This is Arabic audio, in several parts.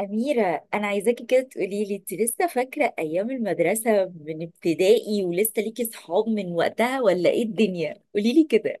أميرة، أنا عايزاكي كده تقولي لي، أنت لسه فاكرة أيام المدرسة من ابتدائي ولسه ليكي صحاب من وقتها ولا إيه الدنيا؟ قولي لي كده.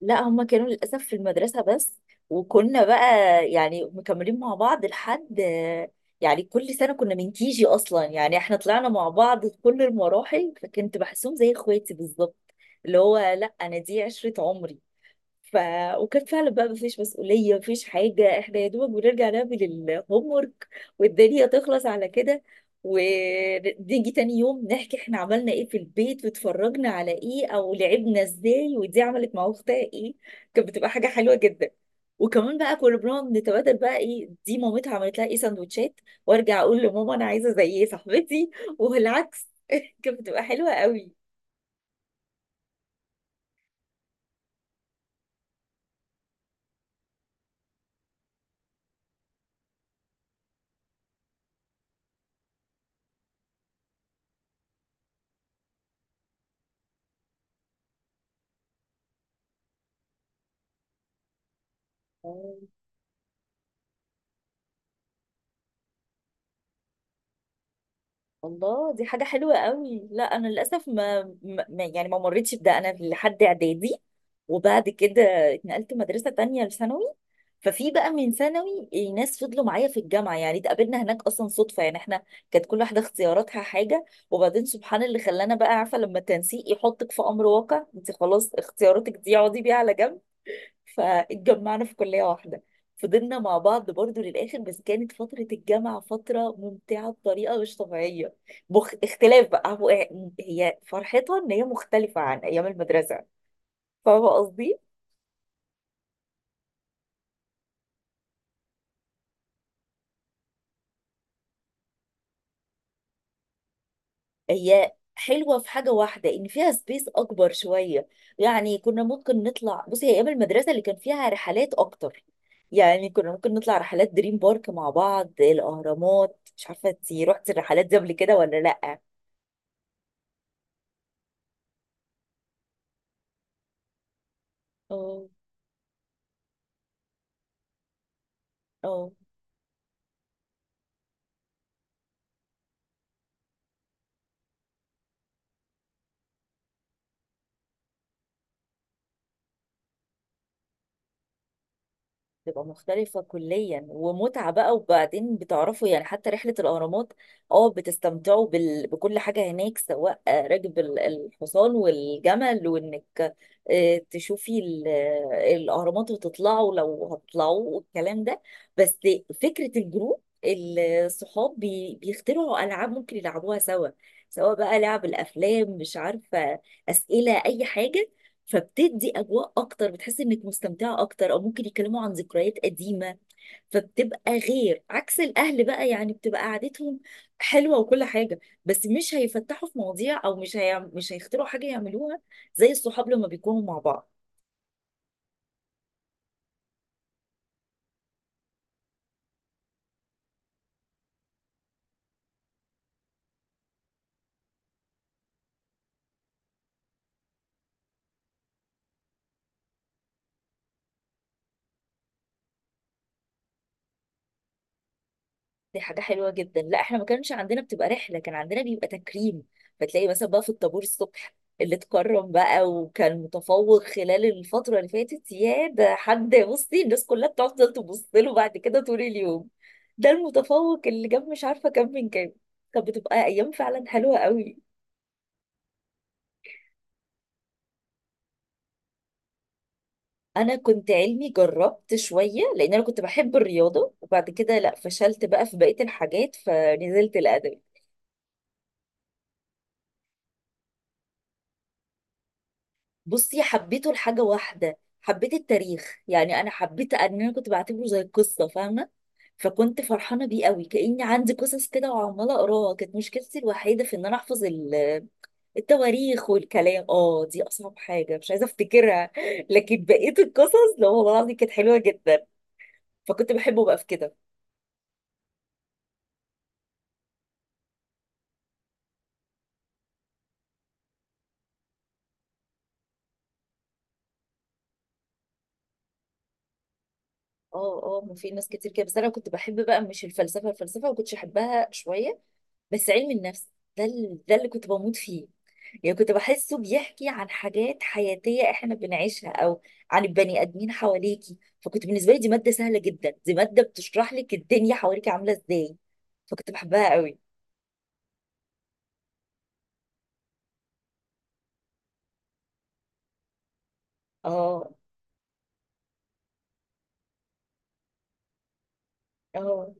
لا، هما كانوا للأسف في المدرسة بس. وكنا بقى يعني مكملين مع بعض لحد، يعني كل سنة كنا من كيجي أصلا. يعني إحنا طلعنا مع بعض في كل المراحل، فكنت بحسهم زي إخواتي بالظبط، اللي هو لا أنا دي عشرة عمري. ف وكان فعلا بقى مفيش مسؤولية، مفيش حاجة، احنا يا دوبك بنرجع نعمل الهوم ورك والدنيا تخلص على كده. ونيجي تاني يوم نحكي احنا عملنا ايه في البيت، واتفرجنا على ايه، او لعبنا ازاي، ودي عملت مع اختها ايه. كانت بتبقى حاجة حلوة جدا. وكمان بقى كنا بنقعد نتبادل بقى ايه دي مامتها عملت لها ايه سندوتشات، وارجع اقول لماما انا عايزة زي ايه صاحبتي، والعكس. كانت بتبقى حلوة قوي. الله، دي حاجة حلوة قوي. لا أنا للأسف يعني ما مريتش بده أنا لحد إعدادي. وبعد كده اتنقلت مدرسة تانية لثانوي. ففي بقى من ثانوي ناس فضلوا معايا في الجامعة، يعني اتقابلنا هناك أصلا صدفة، يعني احنا كانت كل واحدة اختياراتها حاجة، وبعدين سبحان اللي خلانا بقى. عارفة لما التنسيق يحطك في أمر واقع، انت خلاص اختياراتك دي اقعدي بيها على جنب. فاتجمعنا في كلية واحدة، فضلنا مع بعض برضو للآخر. بس كانت فترة الجامعة فترة ممتعة بطريقة مش طبيعية. اختلاف بقى هو إيه، هي فرحتها إن هي مختلفة عن أيام المدرسة. فاهمة قصدي؟ هي حلوة في حاجة واحدة، إن فيها سبيس أكبر شوية، يعني كنا ممكن نطلع. بصي، هي أيام المدرسة اللي كان فيها رحلات أكتر. يعني كنا ممكن نطلع رحلات دريم بارك مع بعض، الأهرامات. مش عارفة انتي رحتي الرحلات دي قبل كده ولا لأ؟ اه، اه، تبقى مختلفة كليا ومتعة بقى. وبعدين بتعرفوا يعني حتى رحلة الأهرامات، اه بتستمتعوا بكل حاجة هناك، سواء راكب الحصان والجمل، وإنك تشوفي الأهرامات وتطلعوا لو هتطلعوا والكلام ده. بس فكرة الجروب الصحاب بيخترعوا ألعاب ممكن يلعبوها سوا، سواء بقى لعب الأفلام، مش عارفة، أسئلة، أي حاجة. فبتدي اجواء اكتر، بتحس انك مستمتعه اكتر، او ممكن يتكلموا عن ذكريات قديمه. فبتبقى غير، عكس الاهل بقى، يعني بتبقى قعدتهم حلوه وكل حاجه، بس مش هيفتحوا في مواضيع، او مش هيخترعوا حاجه يعملوها زي الصحاب لما بيكونوا مع بعض. دي حاجة حلوة جدا. لا احنا ما كانش عندنا بتبقى رحلة، كان عندنا بيبقى تكريم. فتلاقي مثلا بقى في الطابور الصبح اللي اتكرم بقى وكان متفوق خلال الفترة اللي فاتت، يا ده حد، بصي الناس كلها بتفضل تبص له بعد كده طول اليوم، ده المتفوق اللي جاب مش عارفة كام من كام. كانت بتبقى أيام فعلا حلوة قوي. أنا كنت علمي، جربت شوية لأن أنا كنت بحب الرياضة، وبعد كده لا فشلت بقى في بقية الحاجات فنزلت الأدب. بصي، حبيته لحاجة واحدة، حبيت التاريخ. يعني أنا حبيت إن أنا كنت بعتبره زي قصة، فاهمة؟ فكنت فرحانة بيه قوي كأني عندي قصص كده وعمالة أقراها. كانت مشكلتي الوحيدة في إن أنا أحفظ التواريخ والكلام، دي أصعب حاجة مش عايزة أفتكرها لكن بقية القصص لا والله العظيم كانت حلوة جدا. فكنت بحبه بقى في كده. اه اه، ما في ناس كتير كده. بس أنا كنت بحب بقى، مش الفلسفة، الفلسفة ما كنتش أحبها شوية، بس علم النفس، ده اللي كنت بموت فيه. يعني كنت بحسه بيحكي عن حاجات حياتية احنا بنعيشها، او عن البني ادمين حواليكي. فكنت بالنسبة لي دي مادة سهلة جدا، دي مادة بتشرح لك الدنيا حواليك عاملة ازاي. فكنت بحبها قوي. اه اه،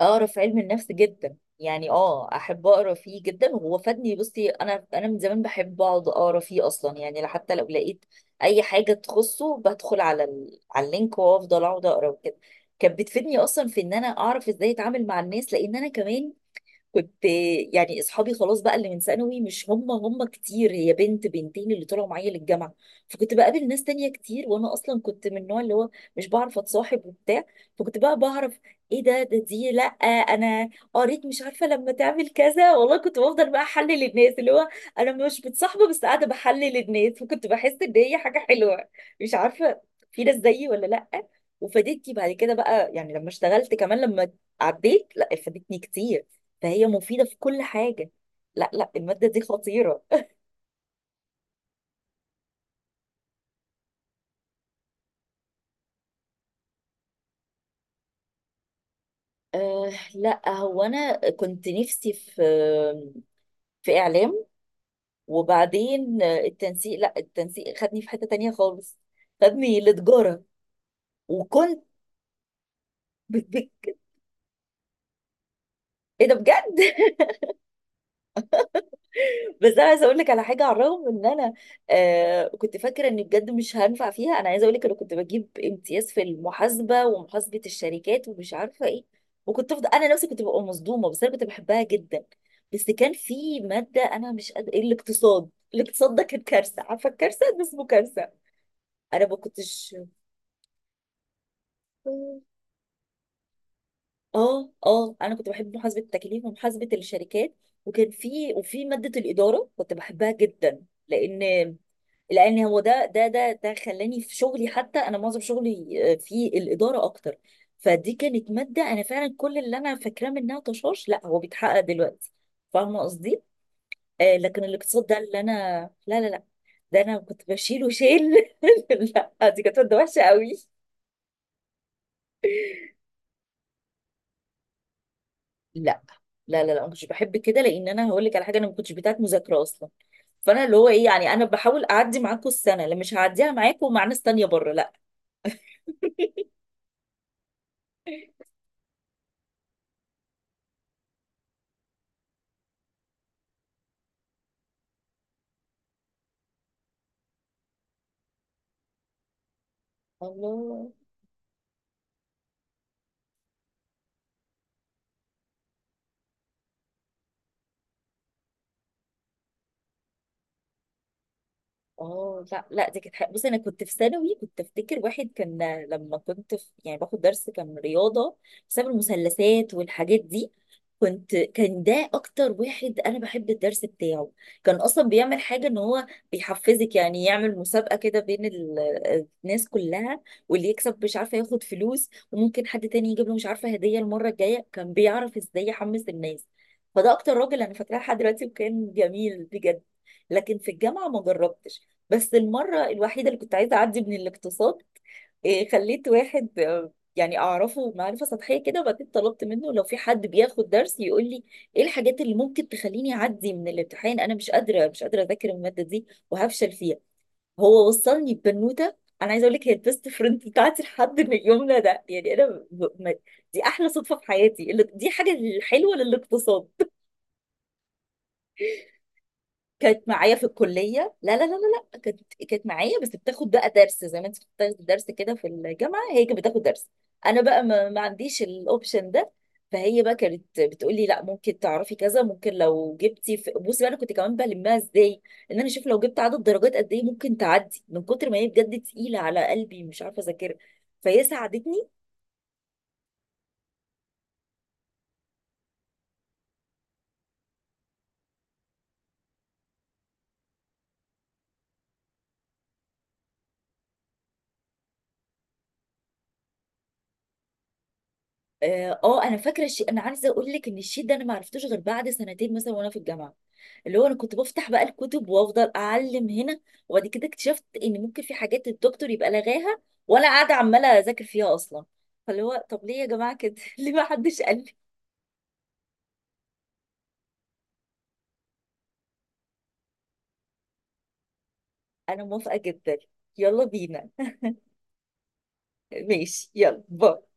اقرا في علم النفس جدا، يعني اه احب اقرا فيه جدا، وهو فادني. بصي انا من زمان بحب اقعد اقرا فيه اصلا، يعني حتى لو لقيت اي حاجة تخصه بدخل على اللينك وافضل اقعد اقرا وكده. كانت بتفيدني اصلا في ان انا اعرف ازاي اتعامل مع الناس، لان انا كمان كنت، يعني اصحابي خلاص بقى اللي من ثانوي مش هم هم كتير، هي بنت بنتين اللي طلعوا معايا للجامعه. فكنت بقابل ناس تانية كتير، وانا اصلا كنت من النوع اللي هو مش بعرف اتصاحب وبتاع. فكنت بقى بعرف ايه ده، دي لا انا قريت مش عارفه لما تعمل كذا والله. كنت بفضل بقى احلل الناس، اللي هو انا مش بتصاحبه بس قاعده بحلل الناس، وكنت بحس ان هي حاجه حلوه. مش عارفه، في ناس زيي ولا لا. وفادتني بعد كده بقى، يعني لما اشتغلت، كمان لما عديت. لا فادتني كتير، فهي مفيدة في كل حاجة. لا لا، المادة دي خطيرة. أه لا، هو أنا كنت نفسي في إعلام. وبعدين التنسيق، لا التنسيق خدني في حتة تانية خالص، خدني لتجارة. وكنت بت- بت- إيه ده بجد بس انا عايزه اقول لك على حاجه. على الرغم ان انا كنت فاكره اني بجد مش هنفع فيها، انا عايزه اقول لك، انا كنت بجيب امتياز في المحاسبه ومحاسبه الشركات ومش عارفه ايه. وكنت افضل، انا نفسي كنت ببقى مصدومه، بس انا كنت بحبها جدا. بس كان في ماده انا مش قادره، الاقتصاد. الاقتصاد ده كان كارثه، عارفه الكارثه ده اسمه كارثه. انا ما كنتش. اه اه، انا كنت بحب محاسبه التكاليف ومحاسبه الشركات. وكان في ماده الاداره كنت بحبها جدا، لان لان هو ده خلاني في شغلي. حتى انا معظم شغلي في الاداره اكتر. فدي كانت ماده انا فعلا كل اللي انا فاكراه منها طشاش لا هو بيتحقق دلوقتي. فاهمه قصدي؟ لكن الاقتصاد ده اللي انا... لا لا لا، ده انا كنت بشيله شيل لا دي كانت ماده وحشه قوي. لا لا لا لا، ما كنتش بحب كده، لان انا هقول لك على حاجه. انا ما كنتش بتاعت مذاكره اصلا. فانا اللي هو ايه يعني، انا بحاول اعدي معاكم السنه اللي مش هعديها معاكم مع ناس تانيه بره، لا الله، اه. لا لا، دي كانت حاجة- بصي انا كنت في ثانوي، كنت افتكر واحد كان، لما كنت في، يعني باخد درس، كان رياضه بسبب المثلثات والحاجات دي. كنت، كان ده اكتر واحد انا بحب الدرس بتاعه. كان اصلا بيعمل حاجه، ان هو بيحفزك، يعني يعمل مسابقه كده بين الناس كلها، واللي يكسب مش عارفه ياخد فلوس، وممكن حد تاني يجيب له مش عارفه هديه المره الجايه. كان بيعرف ازاي يحمس الناس. فده اكتر راجل انا فاكراه لحد دلوقتي وكان جميل بجد. لكن في الجامعة ما جربتش. بس المرة الوحيدة اللي كنت عايزة أعدي من الاقتصاد، خليت واحد يعني أعرفه معرفة سطحية كده، وبعدين طلبت منه لو في حد بياخد درس يقول لي إيه الحاجات اللي ممكن تخليني أعدي من الامتحان. أنا مش قادرة، مش قادرة أذاكر المادة دي، وهفشل فيها. هو وصلني ببنوتة. أنا عايزة أقول لك، هي البيست فريند بتاعتي لحد من يومنا ده. يعني أنا ب... ب- ما... دي أحلى صدفة في حياتي، اللي... دي حاجة حلوة للاقتصاد. كانت معايا في الكلية. لا لا لا لا، لا كانت، كانت معايا، بس بتاخد بقى درس. زي ما انت بتاخد درس كده في الجامعة، هي كانت بتاخد درس. انا بقى ما عنديش الاوبشن ده. فهي بقى كانت بتقول لي لا ممكن تعرفي كذا، ممكن لو جبتي في... بصي بقى انا كنت كمان بلمها ازاي ان انا اشوف لو جبت عدد درجات قد ايه ممكن تعدي، من كتر ما هي بجد تقيلة على قلبي مش عارفة اذاكرها. فهي ساعدتني. اه، انا فاكره الشيء، انا عايزه اقول لك ان الشيء ده انا ما عرفتوش غير بعد سنتين مثلا وانا في الجامعه، اللي هو انا كنت بفتح بقى الكتب وافضل اعلم هنا. وبعد كده اكتشفت ان ممكن في حاجات الدكتور يبقى لغاها، وانا قاعده عماله اذاكر فيها اصلا. فاللي هو طب ليه يا جماعه كده ليه ما حدش قال لي. انا موافقه جدا. يلا بينا. ماشي، يلا، باي.